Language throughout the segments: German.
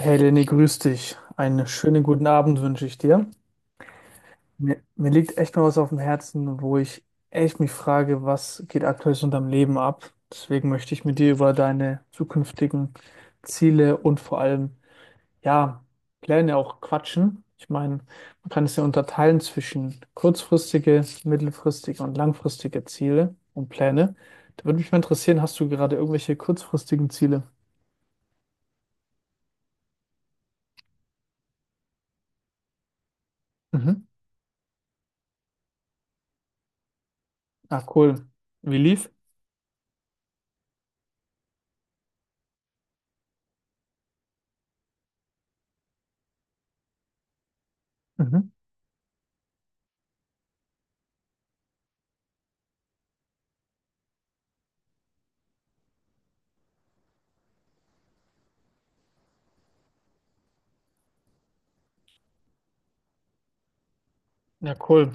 Hey Lenny, grüß dich. Einen schönen guten Abend wünsche ich dir. Mir liegt echt mal was auf dem Herzen, wo ich echt mich frage, was geht aktuell so in deinem Leben ab? Deswegen möchte ich mit dir über deine zukünftigen Ziele und vor allem, ja, Pläne auch quatschen. Ich meine, man kann es ja unterteilen zwischen kurzfristige, mittelfristige und langfristige Ziele und Pläne. Da würde mich mal interessieren, hast du gerade irgendwelche kurzfristigen Ziele? Mhm. Ah, cool. Wie lief? Mhm. Ja, cool.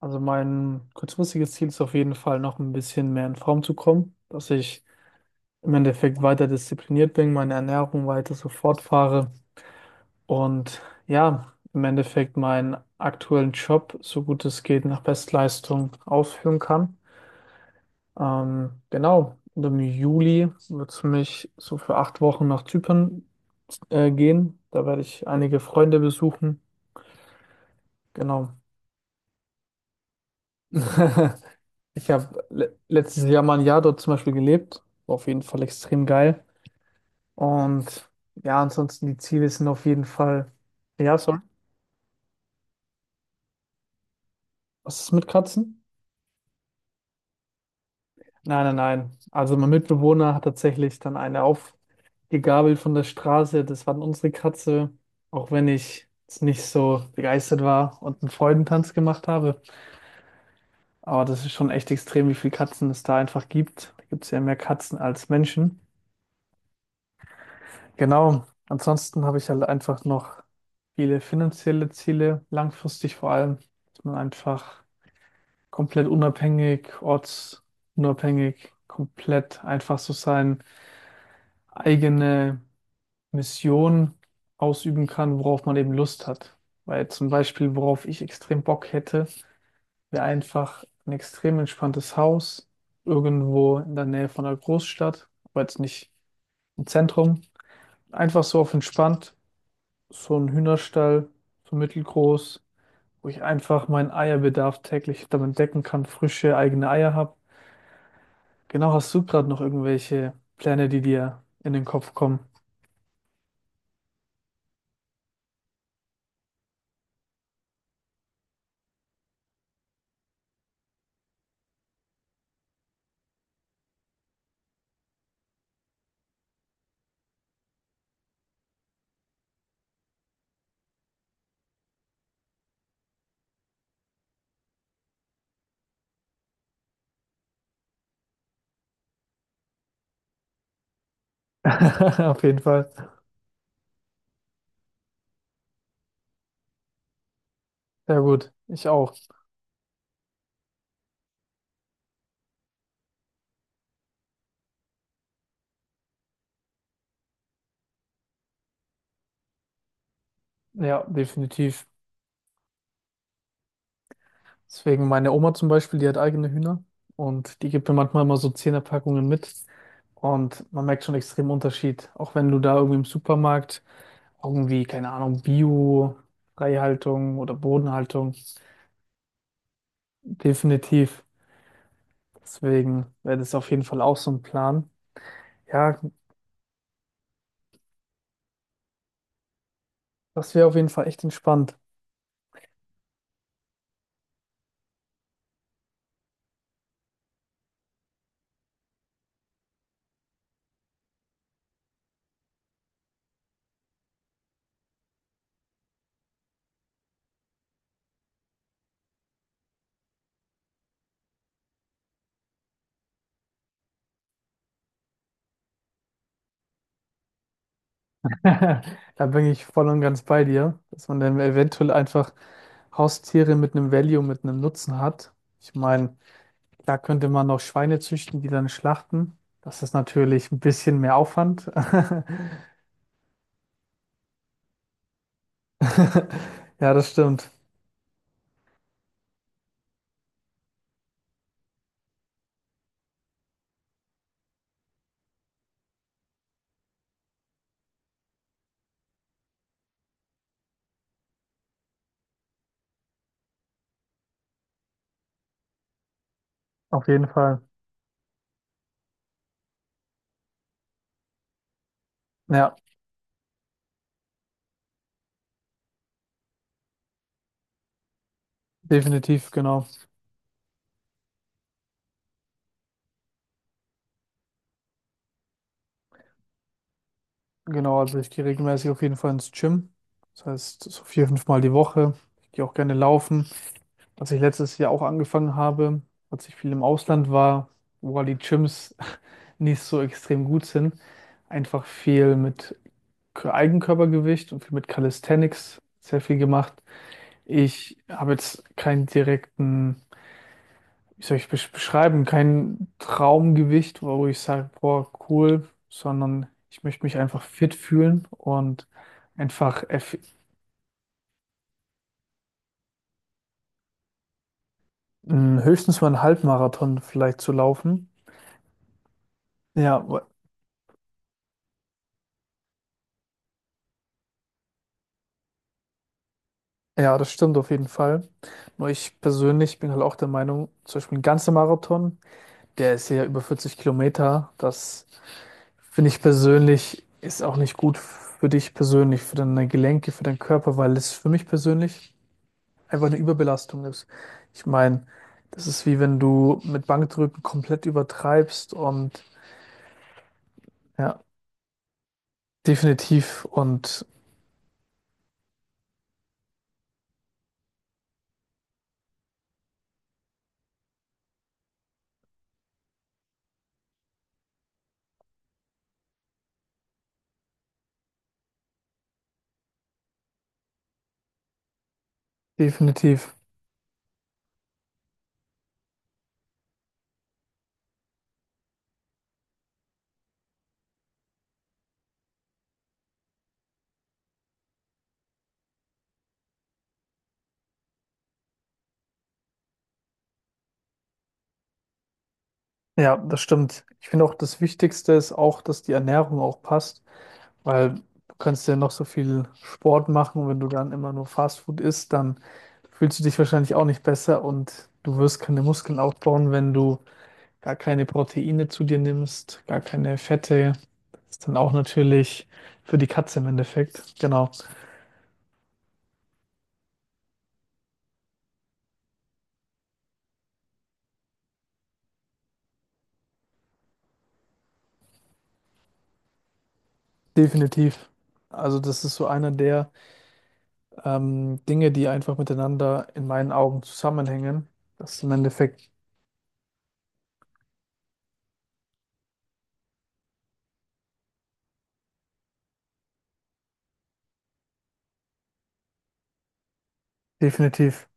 Also mein kurzfristiges Ziel ist auf jeden Fall noch ein bisschen mehr in Form zu kommen, dass ich im Endeffekt weiter diszipliniert bin, meine Ernährung weiter so fortfahre und ja, im Endeffekt meinen aktuellen Job, so gut es geht, nach Bestleistung ausführen kann. Genau, und im Juli wird es mich so für 8 Wochen nach Zypern gehen. Da werde ich einige Freunde besuchen. Genau. Ich habe le letztes Jahr mal ein Jahr dort zum Beispiel gelebt. War auf jeden Fall extrem geil. Und ja, ansonsten die Ziele sind auf jeden Fall. Ja, sorry. Was ist mit Katzen? Nein, nein, nein. Also mein Mitbewohner hat tatsächlich dann eine aufgegabelt von der Straße. Das war dann unsere Katze. Auch wenn ich jetzt nicht so begeistert war und einen Freudentanz gemacht habe. Aber das ist schon echt extrem, wie viele Katzen es da einfach gibt. Da gibt es ja mehr Katzen als Menschen. Genau. Ansonsten habe ich halt einfach noch viele finanzielle Ziele, langfristig vor allem, dass man einfach komplett unabhängig, ortsunabhängig, komplett einfach so seine eigene Mission ausüben kann, worauf man eben Lust hat. Weil zum Beispiel, worauf ich extrem Bock hätte, wäre einfach ein extrem entspanntes Haus, irgendwo in der Nähe von einer Großstadt, aber jetzt nicht im Zentrum. Einfach so auf entspannt so ein Hühnerstall, so mittelgroß, wo ich einfach meinen Eierbedarf täglich damit decken kann, frische eigene Eier habe. Genau, hast du gerade noch irgendwelche Pläne, die dir in den Kopf kommen? Auf jeden Fall. Sehr gut, ich auch. Ja, definitiv. Deswegen meine Oma zum Beispiel, die hat eigene Hühner und die gibt mir manchmal immer so Zehnerpackungen mit. Und man merkt schon extrem Unterschied. Auch wenn du da irgendwie im Supermarkt irgendwie, keine Ahnung, Bio, Freihaltung oder Bodenhaltung. Definitiv. Deswegen wäre das auf jeden Fall auch so ein Plan. Ja, das wäre auf jeden Fall echt entspannt. Da bin ich voll und ganz bei dir, dass man dann eventuell einfach Haustiere mit einem Value, mit einem Nutzen hat. Ich meine, da könnte man noch Schweine züchten, die dann schlachten. Das ist natürlich ein bisschen mehr Aufwand. Ja, das stimmt. Auf jeden Fall. Ja, definitiv, genau. Genau, also ich gehe regelmäßig auf jeden Fall ins Gym. Das heißt, so vier, fünf Mal die Woche. Ich gehe auch gerne laufen. Was ich letztes Jahr auch angefangen habe, als ich viel im Ausland war, wo halt die Gyms nicht so extrem gut sind, einfach viel mit Eigenkörpergewicht und viel mit Calisthenics sehr viel gemacht. Ich habe jetzt keinen direkten, wie soll ich beschreiben, kein Traumgewicht, wo ich sage, boah, cool, sondern ich möchte mich einfach fit fühlen und einfach eff- höchstens mal einen Halbmarathon vielleicht zu laufen. Ja, wa- ja, das stimmt auf jeden Fall. Nur ich persönlich bin halt auch der Meinung, zum Beispiel ein ganzer Marathon, der ist ja über 40 Kilometer, das finde ich persönlich ist auch nicht gut für dich persönlich, für deine Gelenke, für deinen Körper, weil es für mich persönlich einfach eine Überbelastung ist. Ich meine, das ist wie wenn du mit Bankdrücken komplett übertreibst und ja, definitiv und definitiv. Ja, das stimmt. Ich finde auch das Wichtigste ist auch, dass die Ernährung auch passt, weil du kannst ja noch so viel Sport machen und wenn du dann immer nur Fastfood isst, dann fühlst du dich wahrscheinlich auch nicht besser und du wirst keine Muskeln aufbauen, wenn du gar keine Proteine zu dir nimmst, gar keine Fette. Ist dann auch natürlich für die Katze im Endeffekt. Genau, definitiv. Also das ist so einer der Dinge, die einfach miteinander in meinen Augen zusammenhängen. Das ist im Endeffekt definitiv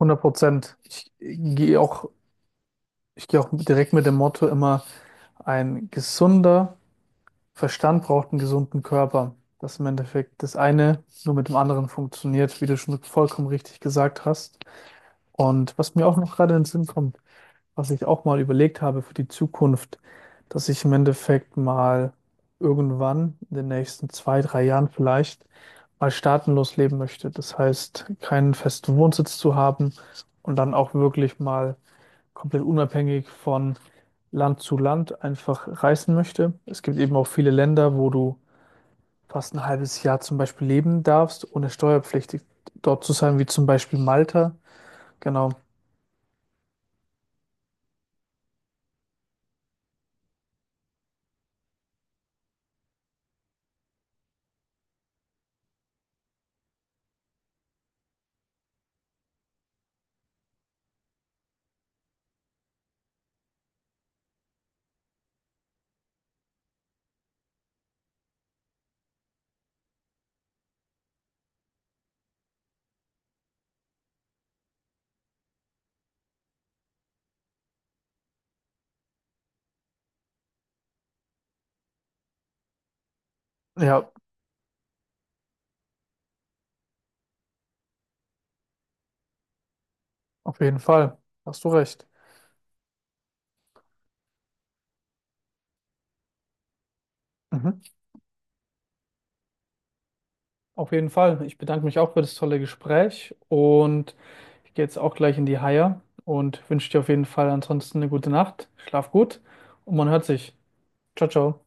100%. Ich gehe auch direkt mit dem Motto immer, ein gesunder Verstand braucht einen gesunden Körper. Dass im Endeffekt das eine nur mit dem anderen funktioniert, wie du schon vollkommen richtig gesagt hast. Und was mir auch noch gerade in den Sinn kommt, was ich auch mal überlegt habe für die Zukunft, dass ich im Endeffekt mal irgendwann in den nächsten 2, 3 Jahren vielleicht mal staatenlos leben möchte. Das heißt, keinen festen Wohnsitz zu haben und dann auch wirklich mal komplett unabhängig von Land zu Land einfach reisen möchte. Es gibt eben auch viele Länder, wo du fast ein halbes Jahr zum Beispiel leben darfst, ohne steuerpflichtig dort zu sein, wie zum Beispiel Malta. Genau. Ja, auf jeden Fall. Hast du recht. Mhm. Auf jeden Fall. Ich bedanke mich auch für das tolle Gespräch und ich gehe jetzt auch gleich in die Haie und wünsche dir auf jeden Fall ansonsten eine gute Nacht. Schlaf gut und man hört sich. Ciao, ciao.